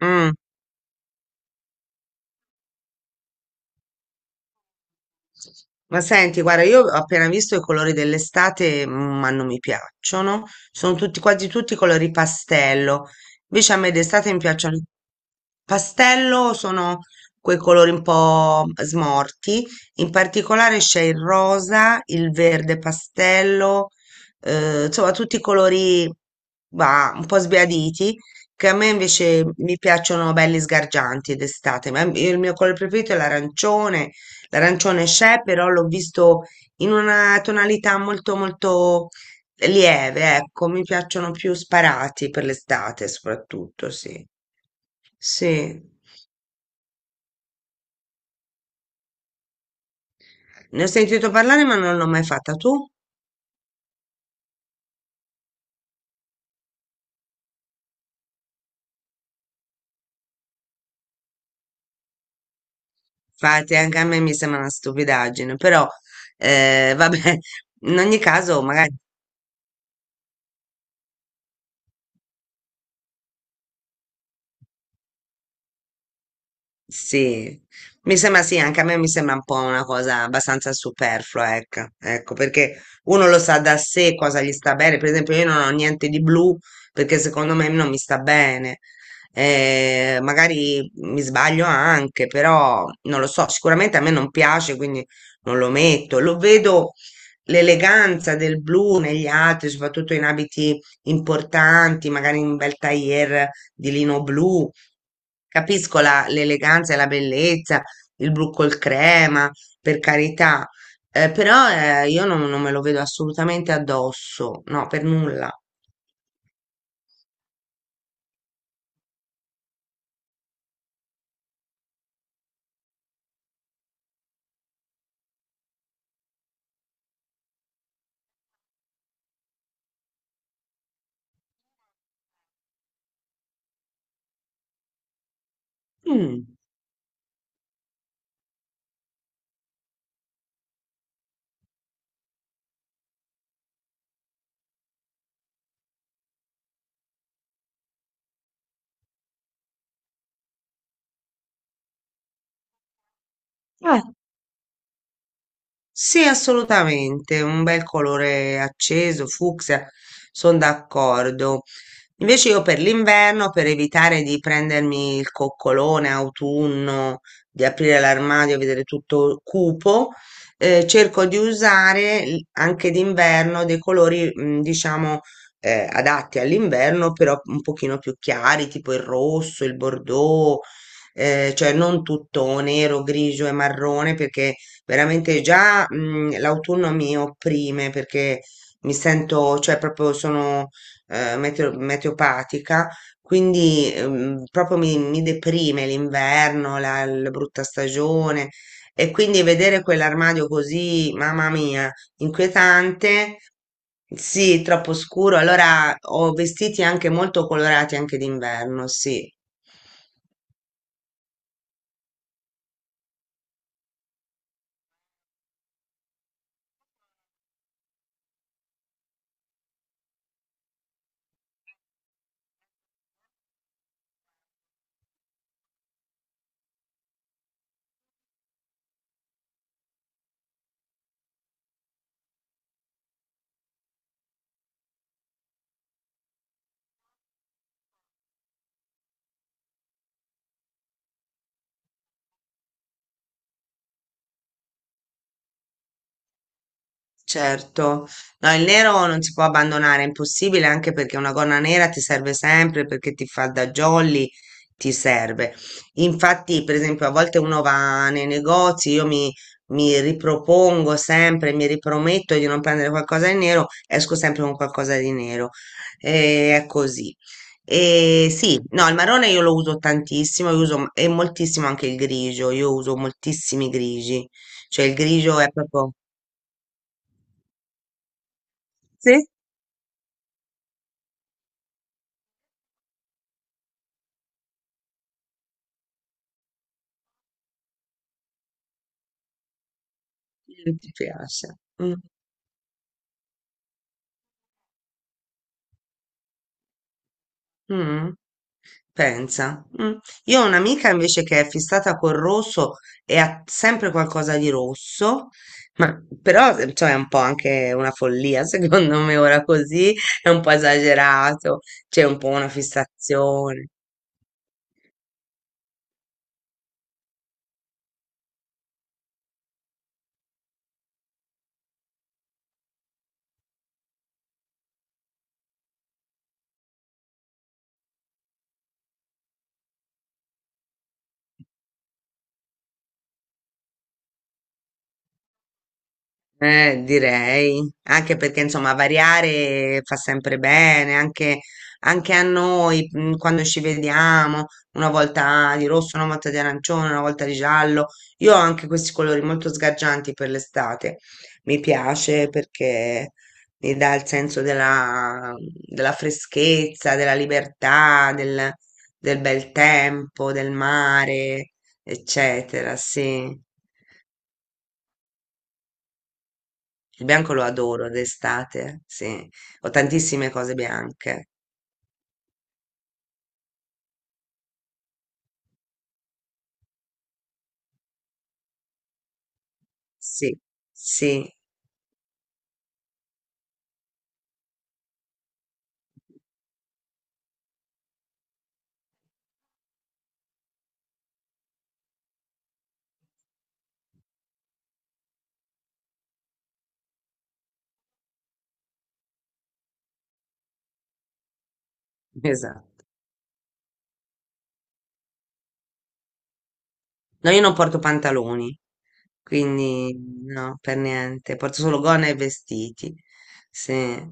Mm. Ma senti, guarda, io ho appena visto i colori dell'estate, ma non mi piacciono. Quasi tutti colori pastello. Invece a me d'estate mi piacciono. Pastello sono quei colori un po' smorti. In particolare c'è il rosa, il verde pastello, insomma, tutti i colori, un po' sbiaditi. Che a me invece mi piacciono belli sgargianti d'estate, ma il mio colore preferito è l'arancione. L'arancione c'è, però l'ho visto in una tonalità molto molto lieve, ecco, mi piacciono più sparati per l'estate soprattutto, sì. Sì, ne ho sentito parlare ma non l'ho mai fatta tu. Infatti anche a me mi sembra una stupidaggine, però vabbè, in ogni caso magari. Sì, mi sembra sì, anche a me mi sembra un po' una cosa abbastanza superflua, ecco, ecco, perché uno lo sa da sé cosa gli sta bene, per esempio io non ho niente di blu perché secondo me non mi sta bene. Magari mi sbaglio anche, però non lo so, sicuramente a me non piace, quindi non lo metto, lo vedo l'eleganza del blu negli altri, soprattutto in abiti importanti, magari in un bel tailleur di lino blu. Capisco l'eleganza e la bellezza, il blu col crema, per carità, però, io non, non me lo vedo assolutamente addosso, no, per nulla. Mm. Eh, sì, assolutamente, un bel colore acceso, fucsia, sono d'accordo. Invece io per l'inverno, per evitare di prendermi il coccolone autunno, di aprire l'armadio e vedere tutto cupo, cerco di usare anche d'inverno dei colori, diciamo, adatti all'inverno, però un pochino più chiari, tipo il rosso, il bordeaux, cioè non tutto nero, grigio e marrone, perché veramente già, l'autunno mi opprime, perché cioè proprio sono meteopatica, quindi proprio mi deprime l'inverno, la brutta stagione e quindi vedere quell'armadio così, mamma mia, inquietante, sì, troppo scuro, allora ho vestiti anche molto colorati anche d'inverno, sì. Certo, no, il nero non si può abbandonare, è impossibile anche perché una gonna nera ti serve sempre, perché ti fa da jolly, ti serve. Infatti, per esempio, a volte uno va nei negozi, mi ripropongo sempre, mi riprometto di non prendere qualcosa di nero, esco sempre con qualcosa di nero. E è così. E sì, no, il marrone io lo uso tantissimo, io uso, e moltissimo anche il grigio, io uso moltissimi grigi, cioè il grigio è proprio... Sì? Non ti piace. Mm, mm, pensa. Mm. Io ho un'amica invece che è fissata col rosso e ha sempre qualcosa di rosso, ma però cioè, è un po' anche una follia, secondo me ora così è un po' esagerato, c'è un po' una fissazione. Direi, anche perché insomma variare fa sempre bene, anche, anche a noi quando ci vediamo, una volta di rosso, una volta di arancione, una volta di giallo. Io ho anche questi colori molto sgargianti per l'estate, mi piace perché mi dà il senso della freschezza, della libertà, del bel tempo, del mare, eccetera, sì. Il bianco lo adoro d'estate, sì. Ho tantissime cose bianche. Sì, sì, esatto. No, io non porto pantaloni, quindi no, per niente. Porto solo gonna e vestiti. Sì.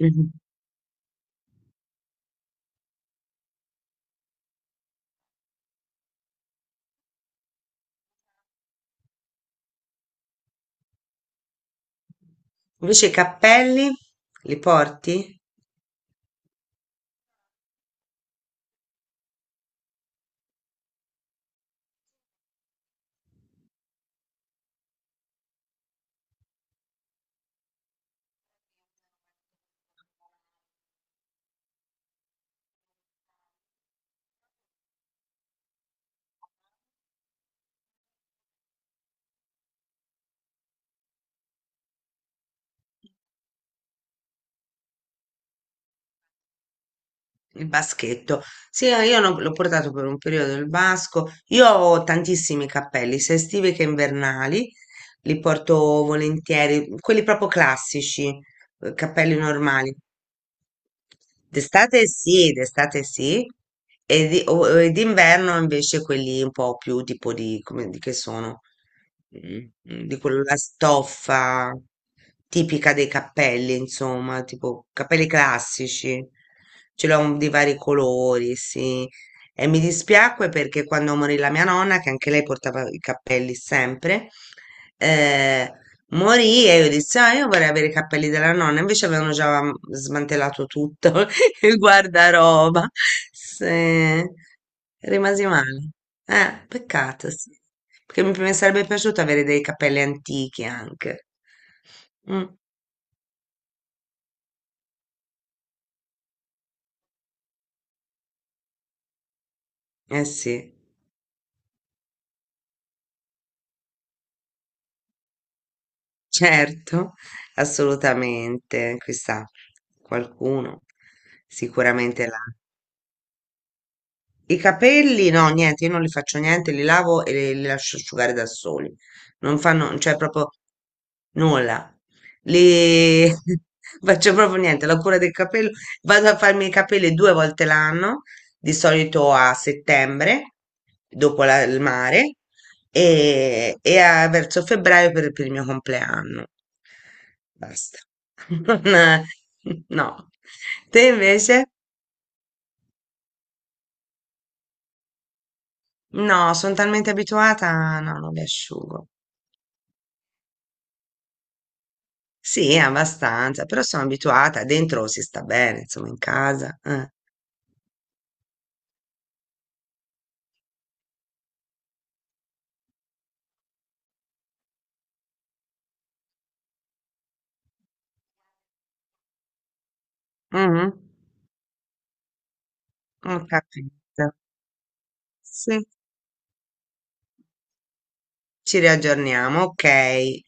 Mhm. Invece i cappelli li porti? Il baschetto. Sì, io no- l'ho portato per un periodo il basco. Io ho tantissimi cappelli, sia estivi che invernali, li porto volentieri, quelli proprio classici, cappelli normali. D'estate sì, e d'inverno invece quelli un po' più tipo di che sono, Mm, di quella stoffa tipica dei cappelli, insomma, tipo cappelli classici, ce l'ho di vari colori, sì. E mi dispiacque perché quando morì la mia nonna, che anche lei portava i cappelli sempre, eh, morì e io dissi, ah, io vorrei avere i cappelli della nonna, invece avevano già smantellato tutto il guardaroba. Se- rimasi male. Peccato, sì. Perché mi sarebbe piaciuto avere dei cappelli antichi anche. Mm, eh sì. Certo, assolutamente, chissà, qualcuno sicuramente là. I capelli, no, niente, io non li faccio niente, li lavo e li lascio asciugare da soli. Non fanno, cioè proprio nulla. Li faccio proprio niente, la cura del capello. Vado a farmi i capelli due volte l'anno, di solito a settembre, dopo il mare, e verso febbraio per il mio compleanno. Basta. Non- no. Te invece? No, sono talmente abituata, no, non li asciugo. Sì, abbastanza, però sono abituata, dentro si sta bene, insomma, in casa. Eh. Mhm. Ho capito. Sì, ci riaggiorniamo, ok.